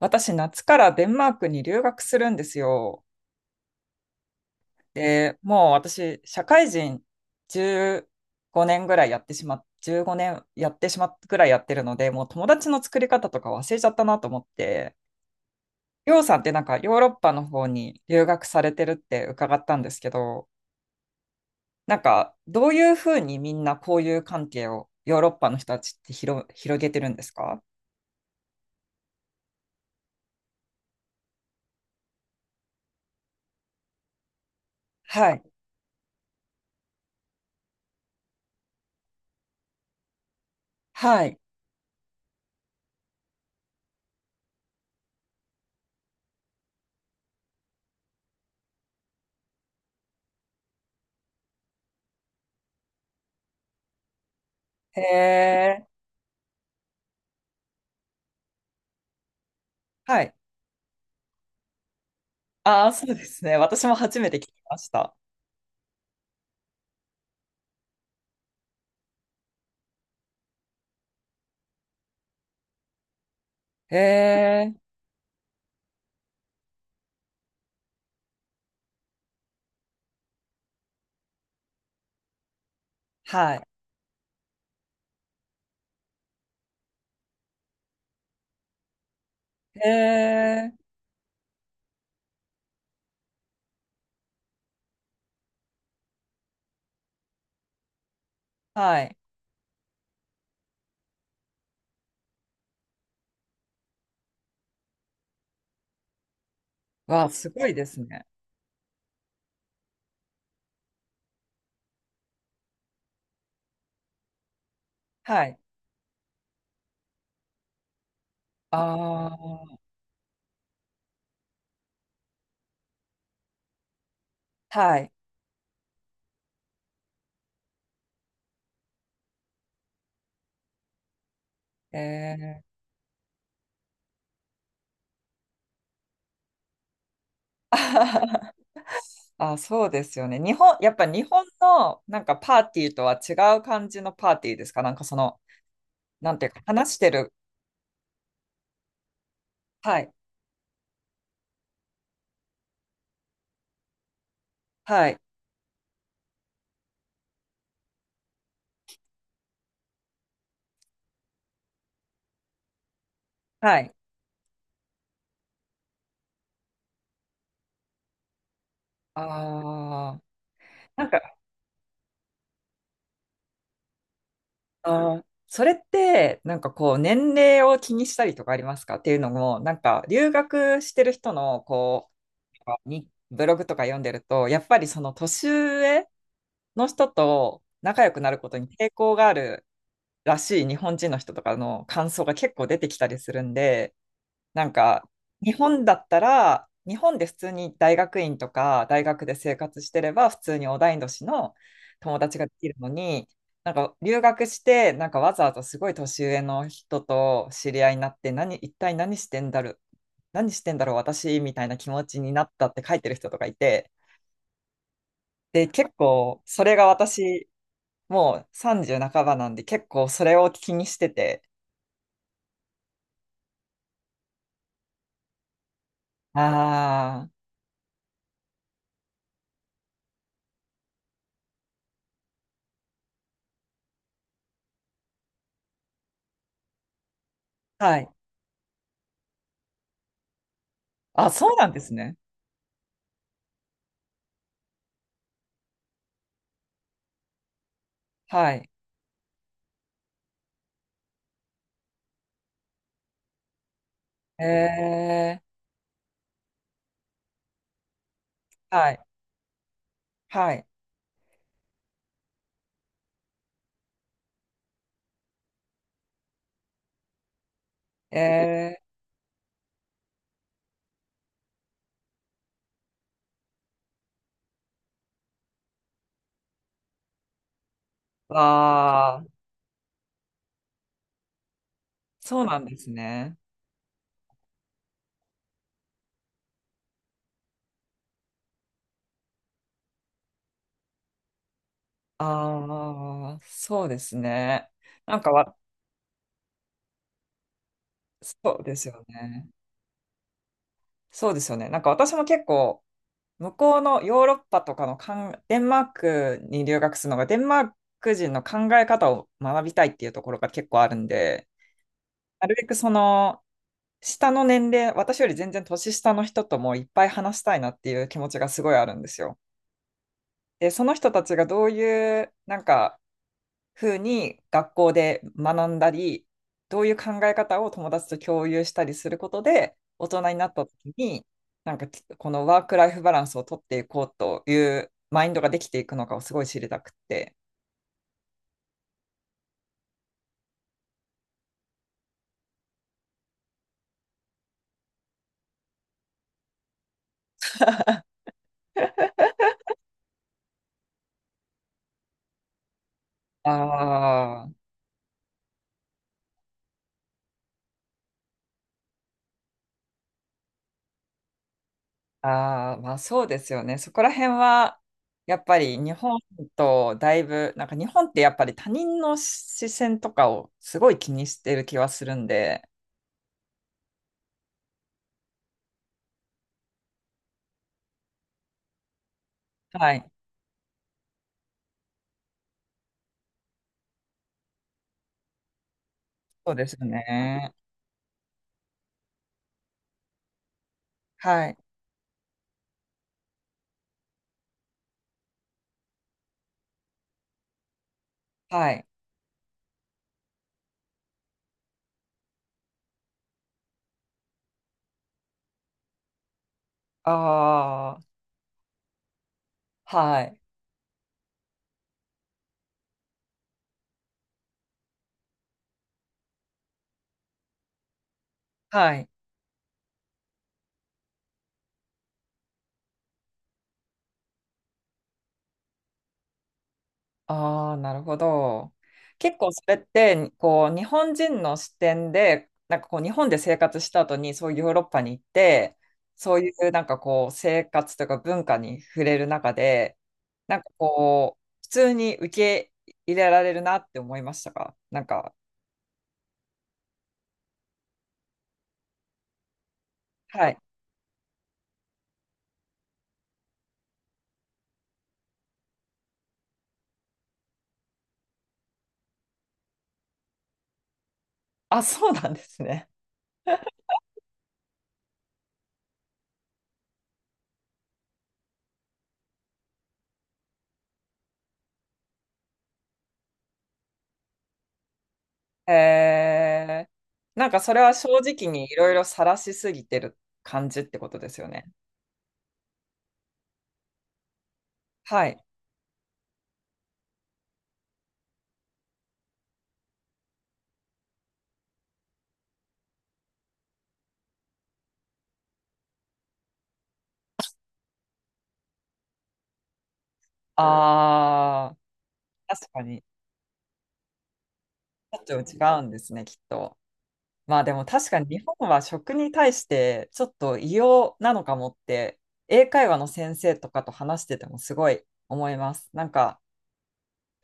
私、夏からデンマークに留学するんですよ。で、もう私、社会人15年ぐらいやってしまっ、15年やってしまっぐらいやってるので、もう友達の作り方とか忘れちゃったなと思って、りょうさんってヨーロッパの方に留学されてるって伺ったんですけど、どういうふうにみんなこういう関係をヨーロッパの人たちって広げてるんですか？はい。はい。へえ。はい。ああ、そうですね。私も初めて聞きました。へえ、はい。へえ、はい。わ、すごいですね。はい。ああ、はい。へえ、あはは。あ、そうですよね。日本、やっぱ日本のパーティーとは違う感じのパーティーですか？その、なんていうか、話してる。はい。はい。はい。ああ、なんか、あーそれって、年齢を気にしたりとかありますか？っていうのも、留学してる人の、こう、かにブログとか読んでると、やっぱりその年上の人と仲良くなることに抵抗があるらしい日本人の人とかの感想が結構出てきたりするんで、なんか、日本だったら、日本で普通に大学院とか大学で生活してれば、普通に同い年の友達ができるのに、留学して、わざわざすごい年上の人と知り合いになって、一体何してんだろう、何してんだろう、私みたいな気持ちになったって書いてる人とかいて、で、結構、それが私、もう30半ばなんで、結構それを気にしてて、ああ、はい。あ、そうなんですね。はい。ええ、はい、はい。ええ、わあ、そうなんですね。ああ、そうですね。なんかわ、そうですよね。そうですよね。なんか私も結構、向こうのヨーロッパとかのデンマークに留学するのが、デンマーク人の考え方を学びたいっていうところが結構あるんで、なるべくその、下の年齢、私より全然年下の人ともいっぱい話したいなっていう気持ちがすごいあるんですよ。で、その人たちがどういう、風に学校で学んだり、どういう考え方を友達と共有したりすることで、大人になった時に、なんか、このワークライフバランスを取っていこうというマインドができていくのかをすごい知りたくて。ああ、ああ、まあそうですよね。そこら辺は、やっぱり日本とだいぶ、なんか日本ってやっぱり他人の視線とかをすごい気にしてる気はするんで、はい。そうですね。はい。はい。ああ、はい。はい。ああ、なるほど。結構それって、こう、日本人の視点で、日本で生活した後に、そういうヨーロッパに行って、そういうなんかこう、生活とか文化に触れる中で、普通に受け入れられるなって思いましたか？はい。あ、そうなんですね。へえ。なんかそれは正直にいろいろ晒しすぎてる感じってことですよね。はい。ああ、確かに。ちょっと違うんですね、きっと。まあでも確かに日本は食に対してちょっと異様なのかもって、英会話の先生とかと話しててもすごい思います。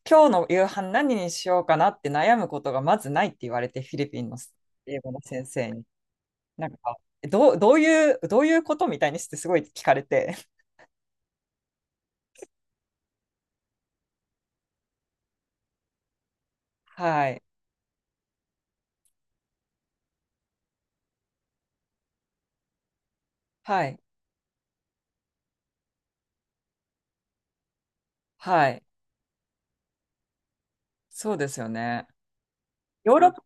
今日の夕飯何にしようかなって悩むことがまずないって言われて、フィリピンの英語の先生に。なんか、どういうことみたいにしてすごい聞かれて。はい。はい。はい。そうですよね。ヨーロッパ、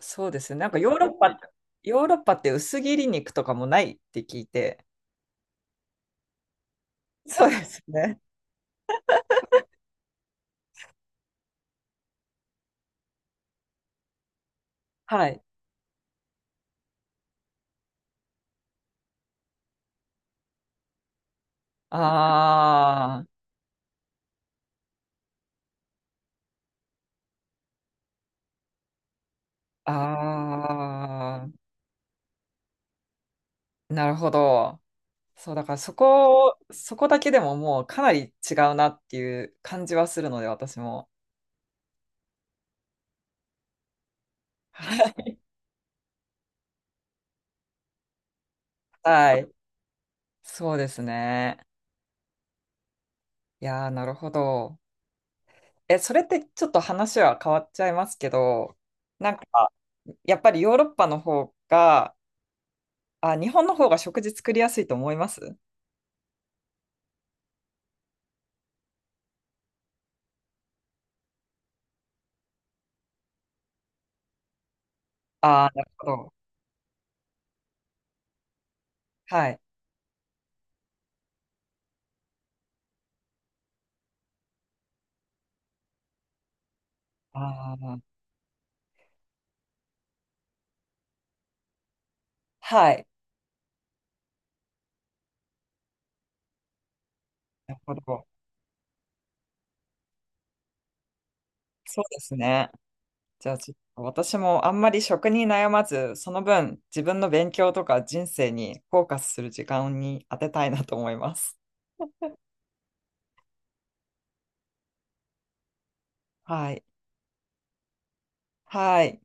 そうですよね。ヨーロッパって薄切り肉とかもないって聞いて。そうですね。はい。ああ、ああ、なるほど。そう、だからそこだけでももうかなり違うなっていう感じはするので、私も。はい。はい。そうですね。いやー、なるほど。え、それってちょっと話は変わっちゃいますけど、なんか、やっぱりヨーロッパの方が、あ、日本の方が食事作りやすいと思います？ああーなるほど。はい。ああ、はい。なるほど。そうですね。じゃあ、ちょっと私もあんまり食に悩まず、その分、自分の勉強とか人生にフォーカスする時間に当てたいなと思います。はい。はい。